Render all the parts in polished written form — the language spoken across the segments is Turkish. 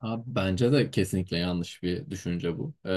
Abi bence de kesinlikle yanlış bir düşünce bu.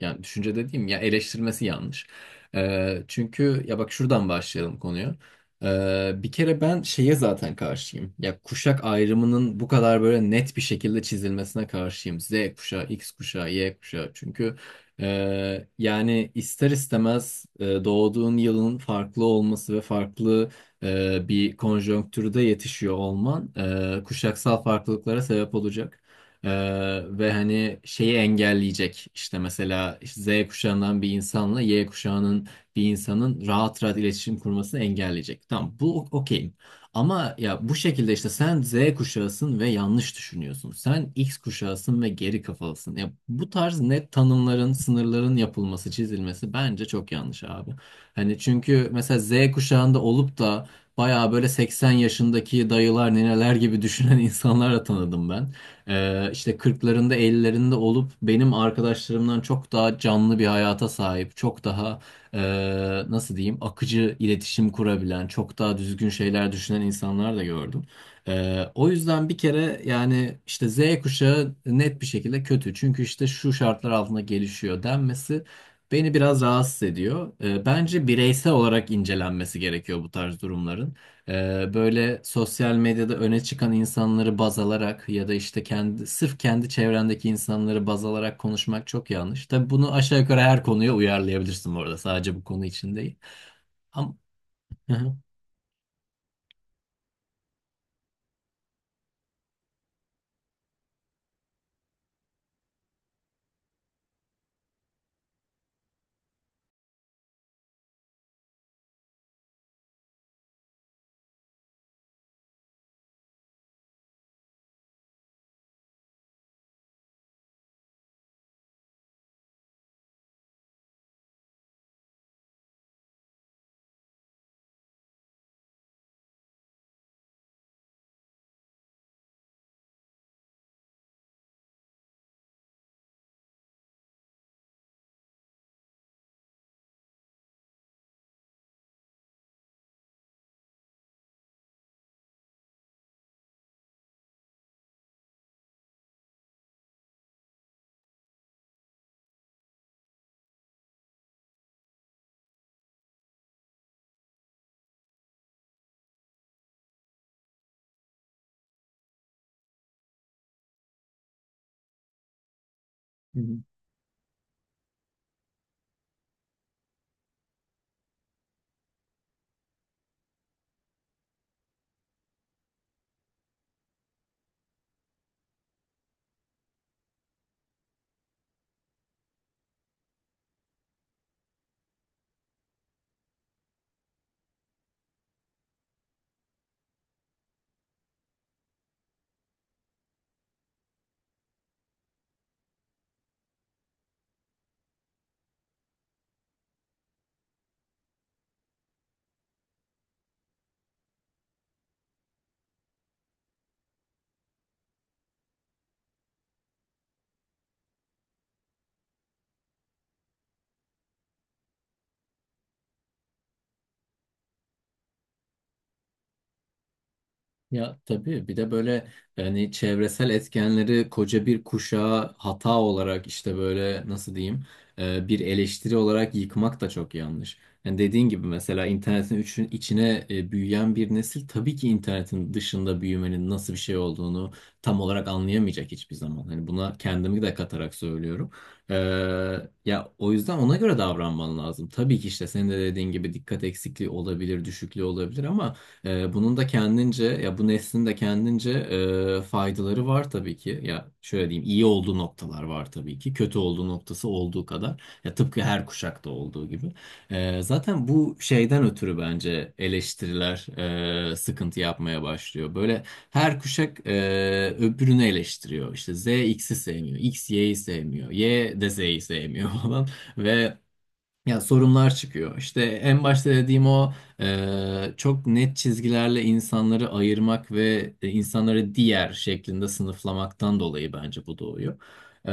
Yani düşünce dediğim ya eleştirmesi yanlış. Çünkü ya bak şuradan başlayalım konuya. Bir kere ben şeye zaten karşıyım. Ya kuşak ayrımının bu kadar böyle net bir şekilde çizilmesine karşıyım. Z kuşağı, X kuşağı, Y kuşağı. Çünkü yani ister istemez doğduğun yılın farklı olması ve farklı bir konjonktürde yetişiyor olman kuşaksal farklılıklara sebep olacak. Ve hani şeyi engelleyecek işte mesela işte Z kuşağından bir insanla Y kuşağının bir insanın rahat rahat iletişim kurmasını engelleyecek. Tamam bu okeyim. Ama ya bu şekilde işte sen Z kuşağısın ve yanlış düşünüyorsun. Sen X kuşağısın ve geri kafalısın. Ya bu tarz net tanımların, sınırların yapılması, çizilmesi bence çok yanlış abi. Hani çünkü mesela Z kuşağında olup da bayağı böyle 80 yaşındaki dayılar, nineler gibi düşünen insanlarla tanıdım ben. İşte kırklarında 50'lerinde olup benim arkadaşlarımdan çok daha canlı bir hayata sahip, çok daha e, nasıl diyeyim akıcı iletişim kurabilen, çok daha düzgün şeyler düşünen insanlar da gördüm. O yüzden bir kere yani işte Z kuşağı net bir şekilde kötü. Çünkü işte şu şartlar altında gelişiyor denmesi beni biraz rahatsız ediyor. Bence bireysel olarak incelenmesi gerekiyor bu tarz durumların. Böyle sosyal medyada öne çıkan insanları baz alarak ya da işte kendi sırf kendi çevrendeki insanları baz alarak konuşmak çok yanlış. Tabii bunu aşağı yukarı her konuya uyarlayabilirsin bu arada. Sadece bu konu için değil. Ama hı hı. Ya tabii bir de böyle yani çevresel etkenleri koca bir kuşağa hata olarak işte böyle nasıl diyeyim bir eleştiri olarak yıkmak da çok yanlış. Yani dediğin gibi mesela internetin içine büyüyen bir nesil tabii ki internetin dışında büyümenin nasıl bir şey olduğunu tam olarak anlayamayacak hiçbir zaman. Hani buna kendimi de katarak söylüyorum. E, Ya o yüzden ona göre davranman lazım. Tabii ki işte senin de dediğin gibi dikkat eksikliği olabilir, düşüklüğü olabilir ama bunun da kendince ya bu neslin de kendince faydaları var tabii ki. Ya şöyle diyeyim iyi olduğu noktalar var tabii ki. Kötü olduğu noktası olduğu kadar. Ya tıpkı her kuşakta olduğu gibi. Zaten bu şeyden ötürü bence eleştiriler sıkıntı yapmaya başlıyor. Böyle her kuşak öbürünü eleştiriyor. İşte Z X'i sevmiyor, X Y'yi sevmiyor, Y de Z'yi sevmiyor falan ve ya sorunlar çıkıyor. İşte en başta dediğim o çok net çizgilerle insanları ayırmak ve insanları diğer şeklinde sınıflamaktan dolayı bence bu doğuyor. E,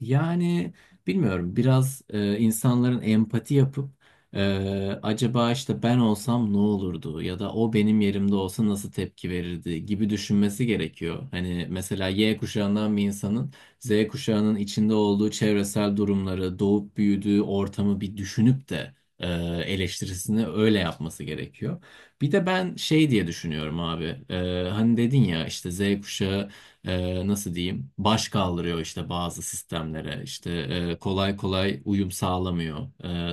Yani bilmiyorum biraz insanların empati yapıp acaba işte ben olsam ne olurdu ya da o benim yerimde olsa nasıl tepki verirdi gibi düşünmesi gerekiyor. Hani mesela Y kuşağından bir insanın Z kuşağının içinde olduğu çevresel durumları, doğup büyüdüğü ortamı bir düşünüp de eleştirisini öyle yapması gerekiyor. Bir de ben şey diye düşünüyorum abi. Hani dedin ya işte Z kuşağı nasıl diyeyim baş kaldırıyor işte bazı sistemlere işte kolay kolay uyum sağlamıyor.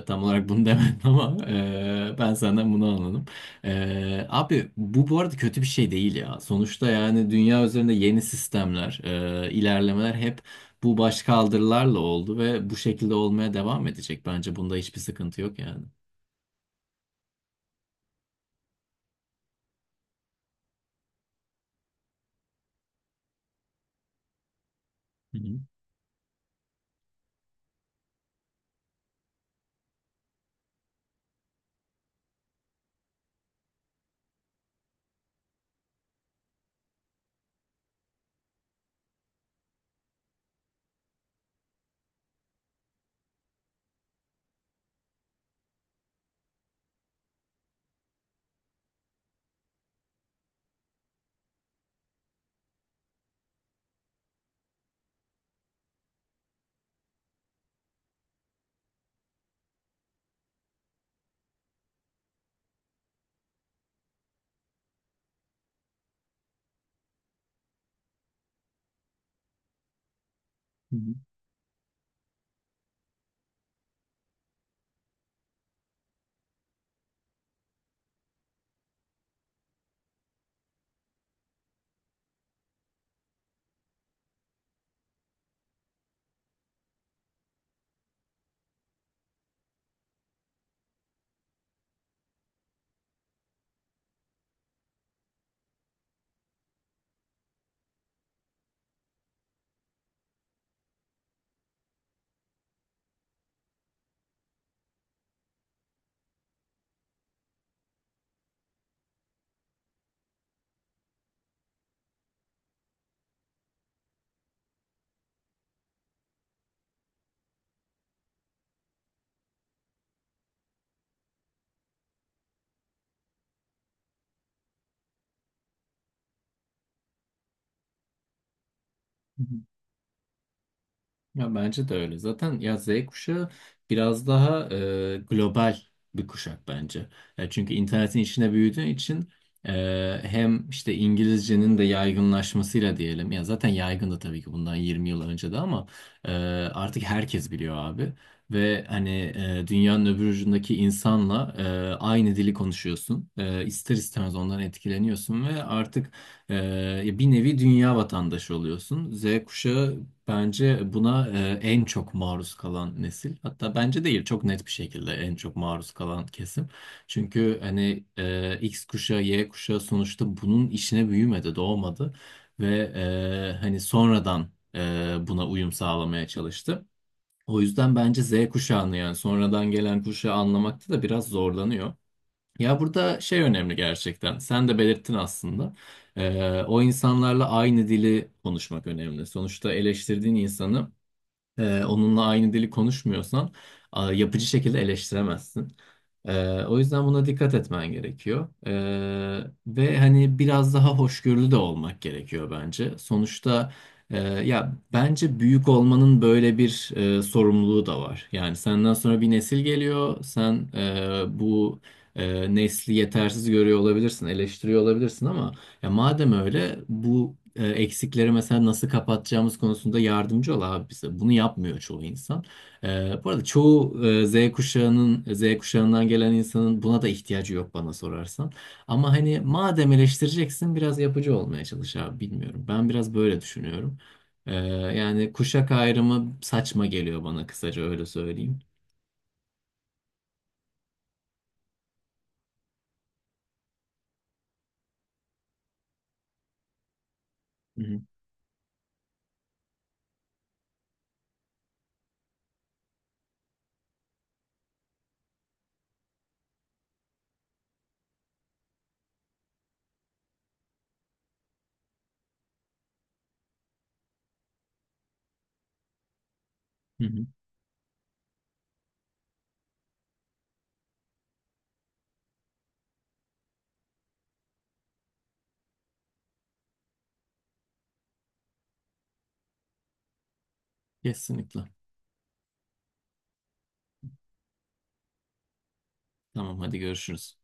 Tam olarak bunu demedim ama ben senden bunu anladım. Abi bu arada kötü bir şey değil ya. Sonuçta yani dünya üzerinde yeni sistemler, ilerlemeler hep bu başkaldırılarla oldu ve bu şekilde olmaya devam edecek. Bence bunda hiçbir sıkıntı yok yani. Hı hı. Hı hı. Hı hı. Ya bence de öyle. Zaten ya Z kuşağı biraz daha global bir kuşak bence. Ya çünkü internetin içine büyüdüğü için hem işte İngilizcenin de yaygınlaşmasıyla diyelim. Ya zaten yaygındı tabii ki bundan 20 yıl önce de ama e, artık herkes biliyor abi. Ve hani dünyanın öbür ucundaki insanla aynı dili konuşuyorsun. İster istemez ondan etkileniyorsun ve artık ee, ya bir nevi dünya vatandaşı oluyorsun. Z kuşağı bence buna en çok maruz kalan nesil. Hatta bence değil, çok net bir şekilde en çok maruz kalan kesim. Çünkü hani X kuşağı, Y kuşağı sonuçta bunun işine büyümedi, doğmadı ve hani sonradan e, buna uyum sağlamaya çalıştı. O yüzden bence Z kuşağını yani sonradan gelen kuşağı anlamakta da biraz zorlanıyor. Ya burada şey önemli gerçekten. Sen de belirttin aslında. O insanlarla aynı dili konuşmak önemli. Sonuçta eleştirdiğin insanı onunla aynı dili konuşmuyorsan yapıcı şekilde eleştiremezsin. O yüzden buna dikkat etmen gerekiyor. Ve hani biraz daha hoşgörülü de olmak gerekiyor bence. Sonuçta ya bence büyük olmanın böyle bir sorumluluğu da var. Yani senden sonra bir nesil geliyor. Sen bu nesli yetersiz görüyor olabilirsin, eleştiriyor olabilirsin ama ya madem öyle bu eksikleri mesela nasıl kapatacağımız konusunda yardımcı ol abi bize. Bunu yapmıyor çoğu insan. Bu arada çoğu Z kuşağının Z kuşağından gelen insanın buna da ihtiyacı yok bana sorarsan. Ama hani madem eleştireceksin biraz yapıcı olmaya çalış abi bilmiyorum. Ben biraz böyle düşünüyorum. Yani kuşak ayrımı saçma geliyor bana kısaca öyle söyleyeyim. Hı hı. Hı hı. Kesinlikle. Tamam hadi görüşürüz.